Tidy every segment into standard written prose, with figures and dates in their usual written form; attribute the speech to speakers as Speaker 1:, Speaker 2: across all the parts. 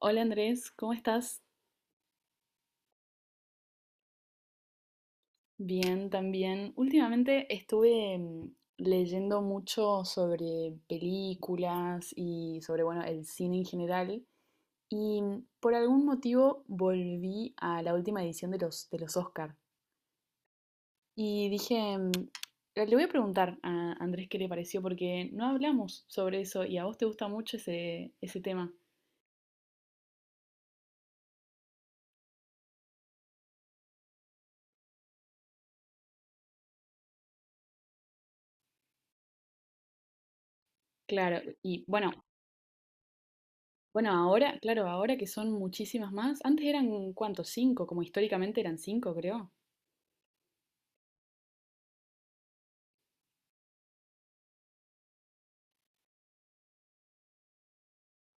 Speaker 1: Hola Andrés, ¿cómo estás? Bien, también. Últimamente estuve leyendo mucho sobre películas y sobre, bueno, el cine en general. Y por algún motivo volví a la última edición de los Oscar. Y dije, le voy a preguntar a Andrés qué le pareció, porque no hablamos sobre eso y a vos te gusta mucho ese tema. Claro, y bueno, bueno, ahora, claro, ahora que son muchísimas más. Antes eran, ¿cuántos? Cinco, como históricamente eran cinco, creo.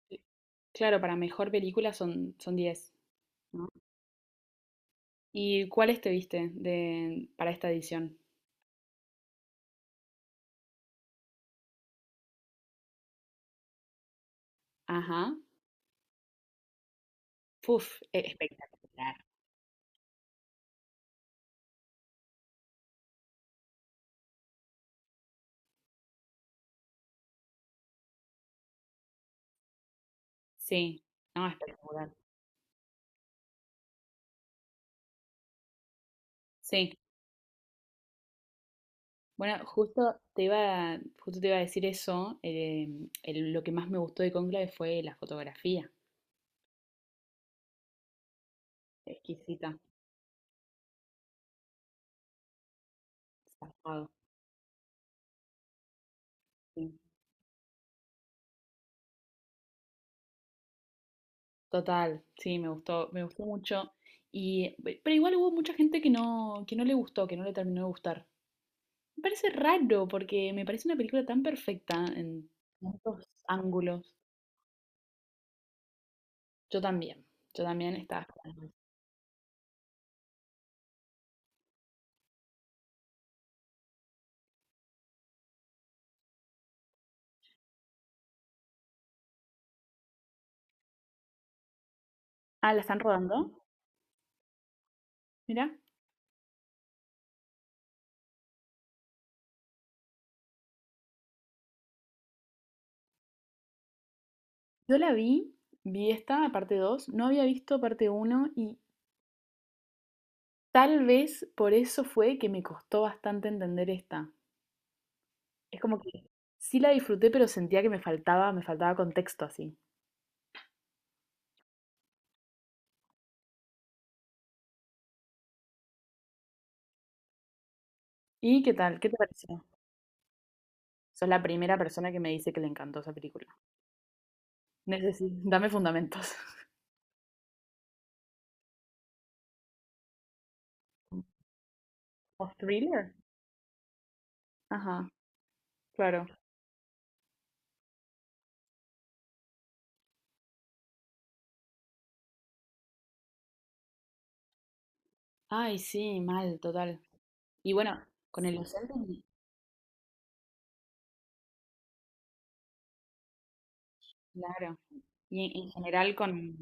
Speaker 1: Eh, Claro, para mejor película son, son diez, ¿no? ¿Y cuáles te viste de, para esta edición? Ajá. Puf, e- espectacular. Sí, no, espectacular. Sí. Bueno, justo te iba a decir eso. El- lo que más me gustó de Cónclave fue la fotografía. Exquisita. Zafado. Sí. Total, sí, me gustó mucho. Y, pe- pero igual hubo mucha gente que no le gustó, que no le terminó de gustar. Me parece raro porque me parece una película tan perfecta en tantos ángulos. Yo también, yo también estaba esperando. Ah, ¿la están rodando? Mira, yo la vi, vi esta, parte 2. No había visto parte uno y tal vez por eso fue que me costó bastante entender esta. Es como que sí la disfruté, pero sentía que me faltaba contexto así. ¿Y qué tal? ¿Qué te pareció? Sos la primera persona que me dice que le encantó esa película. Necesito, dame fundamentos. ¿O thriller? Ajá. Claro. Ay, sí, mal, total. Y bueno, con el docente, claro. Y en general con,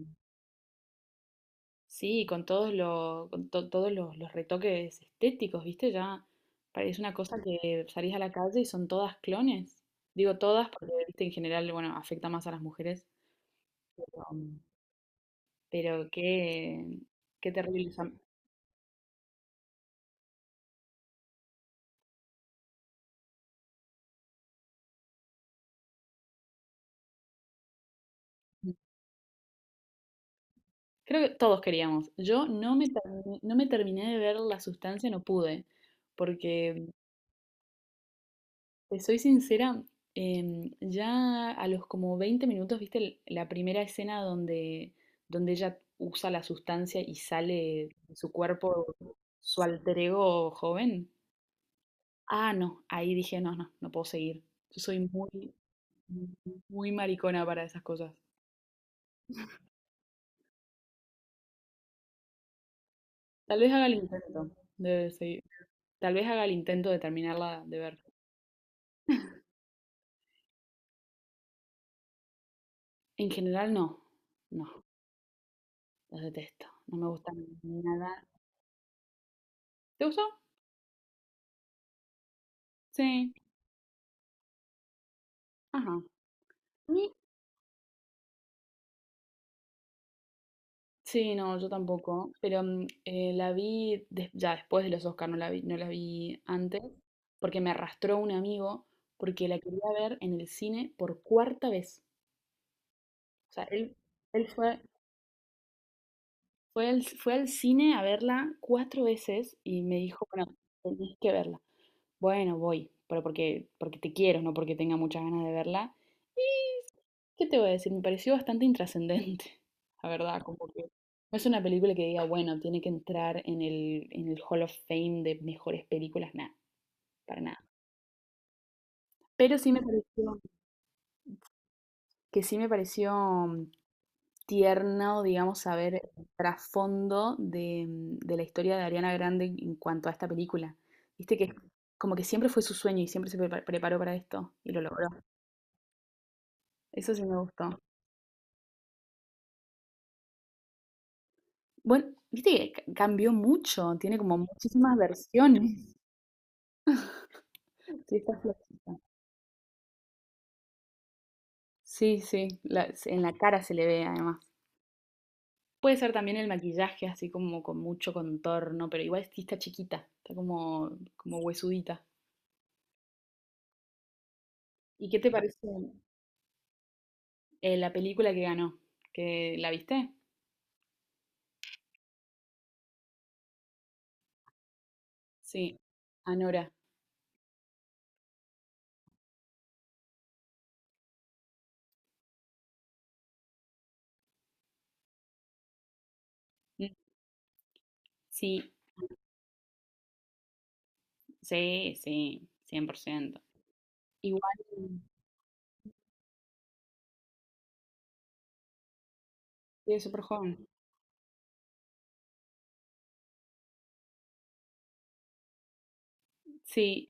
Speaker 1: sí, con todos los, con to- todos los retoques estéticos, ¿viste? Ya parece una cosa que salís a la calle y son todas clones. Digo todas porque, viste, en general, bueno, afecta más a las mujeres. Pero, pero qué, qué terrible. Creo que todos queríamos. Yo no me, termi- no me terminé de ver la sustancia, no pude, porque te soy sincera, ya a los como 20 minutos, viste el- la primera escena donde, donde ella usa la sustancia y sale de su cuerpo su alter ego joven. Ah, no, ahí dije, no, no, no puedo seguir. Yo soy muy, muy maricona para esas cosas. Tal vez haga el intento de seguir. Tal vez haga el intento de terminarla de ver. En general no, no, los detesto, no me gustan nada. ¿Te gustó? Sí, ajá. A sí, no, yo tampoco, pero la vi des- ya después de los Oscar, no la vi, no la vi antes, porque me arrastró un amigo, porque la quería ver en el cine por cuarta vez. O sea, él fue, fue al cine a verla cuatro veces y me dijo, bueno, tenés que verla. Bueno, voy, pero porque, porque te quiero, no porque tenga muchas ganas de verla. ¿Qué te voy a decir? Me pareció bastante intrascendente, la verdad, como que no es una película que diga, bueno, tiene que entrar en el Hall of Fame de mejores películas, nada, para nada. Pero sí me pareció, que sí me pareció tierno, digamos, saber el trasfondo de, de la historia de Ariana Grande en cuanto a esta película. Viste que como que siempre fue su sueño y siempre se prepa- preparó para esto y lo logró. Eso sí me gustó. Bueno, viste que ca- cambió mucho, tiene como muchísimas versiones. Sí, está flaquita. Sí, sí, la- se- en la cara se le ve además. Puede ser también el maquillaje, así como con mucho contorno, pero igual sí está chiquita, está como, como huesudita. ¿Y qué te parece la película que ganó? ¿Que la viste? Sí, Anora. Mm, sí, sí, sí, 100%. Igual, sí, es súper joven. Sí,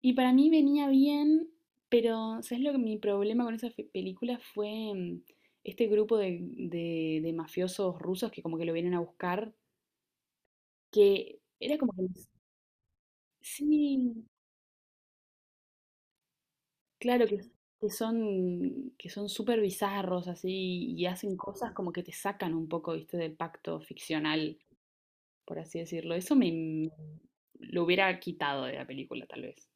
Speaker 1: y para mí venía bien, pero ¿sabes lo que mi problema con esa fe- película fue este grupo de mafiosos rusos que como que lo vienen a buscar, que era como que les- sí, claro que son súper bizarros así y hacen cosas como que te sacan un poco, ¿viste? Del pacto ficcional, por así decirlo. Eso me me- lo hubiera quitado de la película, tal vez.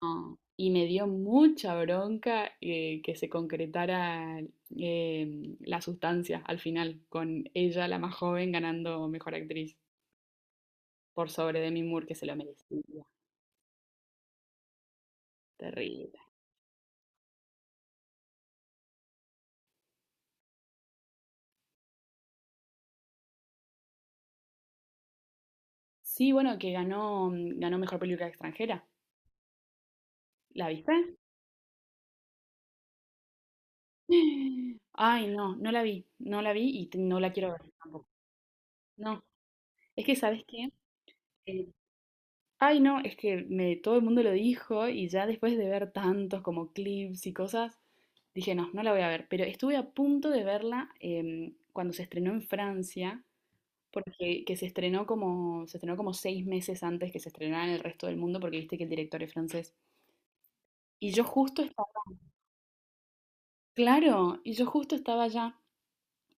Speaker 1: No, y me dio mucha bronca que se concretara la sustancia al final, con ella, la más joven, ganando mejor actriz por sobre Demi Moore, que se lo merecía. Terrible. Sí, bueno, que ganó, ganó mejor película extranjera. ¿La viste? Ay, no, no la vi, no la vi y t- no la quiero ver tampoco. No, es que, ¿sabes qué? Eh, ay, no, es que me, todo el mundo lo dijo y ya después de ver tantos como clips y cosas, dije, no, no la voy a ver, pero estuve a punto de verla cuando se estrenó en Francia, porque que se estrenó como seis meses antes que se estrenara en el resto del mundo, porque viste que el director es francés. Y yo justo estaba, claro, y yo justo estaba allá,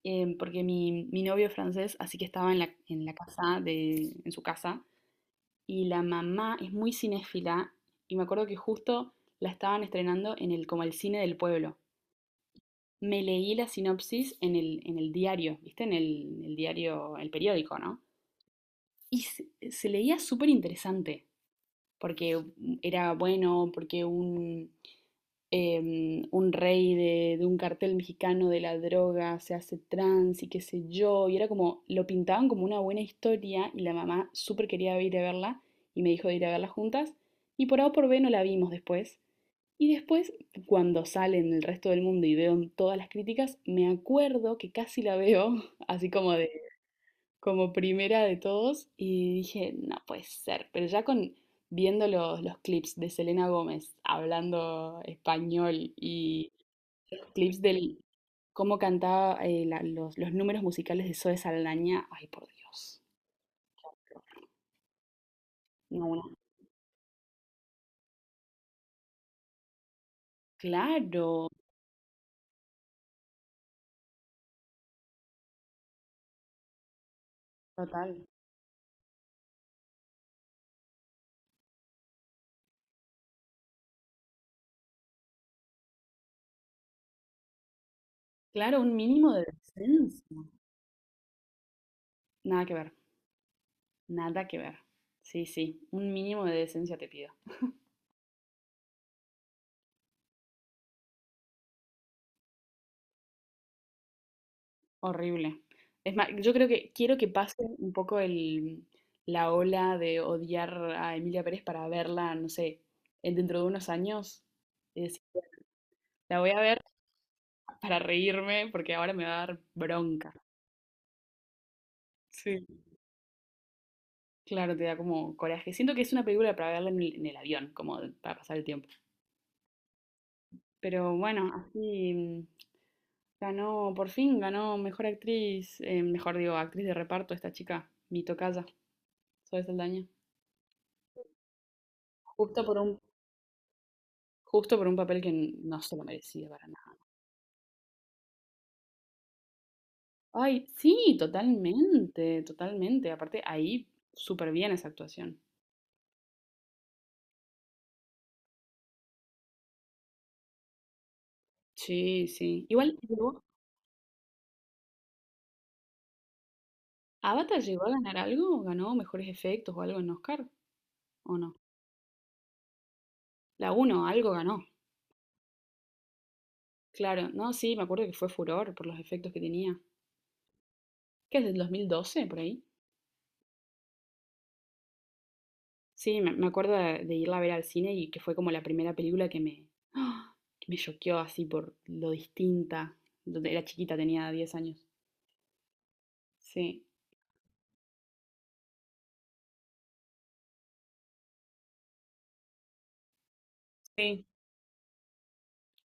Speaker 1: porque mi novio es francés, así que estaba en la casa de, en su casa, y la mamá es muy cinéfila, y me acuerdo que justo la estaban estrenando en el, como el cine del pueblo. Me leí la sinopsis en el diario, ¿viste? En el diario, el periódico, ¿no? Y se leía súper interesante, porque era bueno, porque un rey de un cartel mexicano de la droga se hace trans y qué sé yo, y era como, lo pintaban como una buena historia y la mamá súper quería ir a verla y me dijo de ir a verla juntas, y por A o por B no la vimos después, y después, cuando sale en el resto del mundo y veo todas las críticas, me acuerdo que casi la veo, así como de, como primera de todos, y dije, no puede ser. Pero ya con viendo los clips de Selena Gómez hablando español y los clips del cómo cantaba la- los números musicales de Zoe Saldaña, ay por Dios. No, una- claro, total. Claro, un mínimo de decencia. Nada que ver. Nada que ver. Sí, sí, un mínimo de decencia te pido. Horrible. Es más, yo creo que quiero que pase un poco el, la ola de odiar a Emilia Pérez para verla, no sé, en- dentro de unos años. Y decir, la voy a ver para reírme porque ahora me va a dar bronca. Sí. Claro, te da como coraje. Siento que es una película para verla en el avión, como de- para pasar el tiempo. Pero bueno, así ganó, por fin ganó mejor actriz, mejor digo, actriz de reparto esta chica, mi tocaya, Zoe Saldaña. Justo por un, justo por un papel que no se lo merecía para nada. Ay, sí, totalmente, totalmente. Aparte, ahí súper bien esa actuación. Sí, sí. Igual, ¿llegó- ¿Avatar llegó a ganar algo? ¿Ganó mejores efectos o algo en Oscar? ¿O no? La uno algo ganó. Claro, no, sí, me acuerdo que fue furor por los efectos que tenía. ¿Qué es del 2012 por ahí? Sí, me acuerdo de irla a ver al cine y que fue como la primera película que me, ¡ah! Que me choqueó así por lo distinta. Donde era chiquita, tenía 10 años. Sí, sí,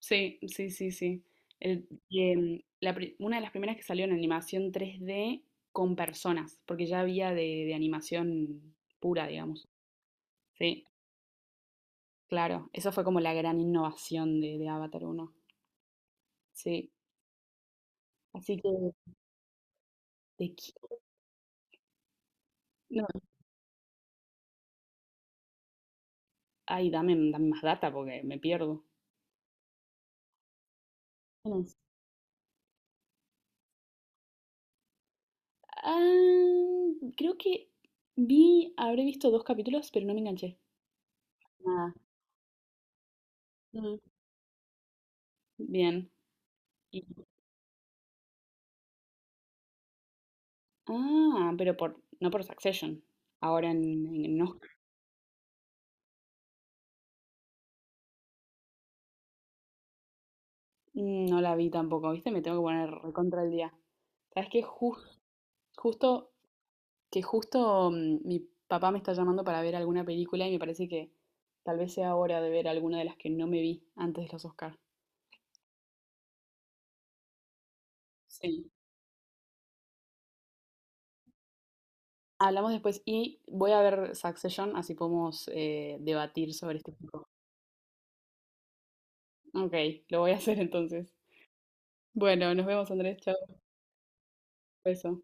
Speaker 1: sí, sí, sí, sí. El- y, la pri- una de las primeras que salió en animación tres d con personas, porque ya había de animación pura, digamos. Sí, claro. Eso fue como la gran innovación de Avatar uno. Sí. Así que te qui- no, ay, dame, dame más data porque me pierdo. Ah, creo que vi, habré visto dos capítulos, pero no me enganché. Nada. Mm. Bien. Y- ah, pero por, no por Succession. Ahora en Oscar. Mm, no la vi tampoco, ¿viste? Me tengo que poner recontra el día. ¿Sabes qué? Jus- justo, que justo mi papá me está llamando para ver alguna película y me parece que tal vez sea hora de ver alguna de las que no me vi antes de los Oscar. Sí. Hablamos después y voy a ver Succession, así podemos debatir sobre este punto. Ok, lo voy a hacer entonces. Bueno, nos vemos, Andrés. Chao. Beso.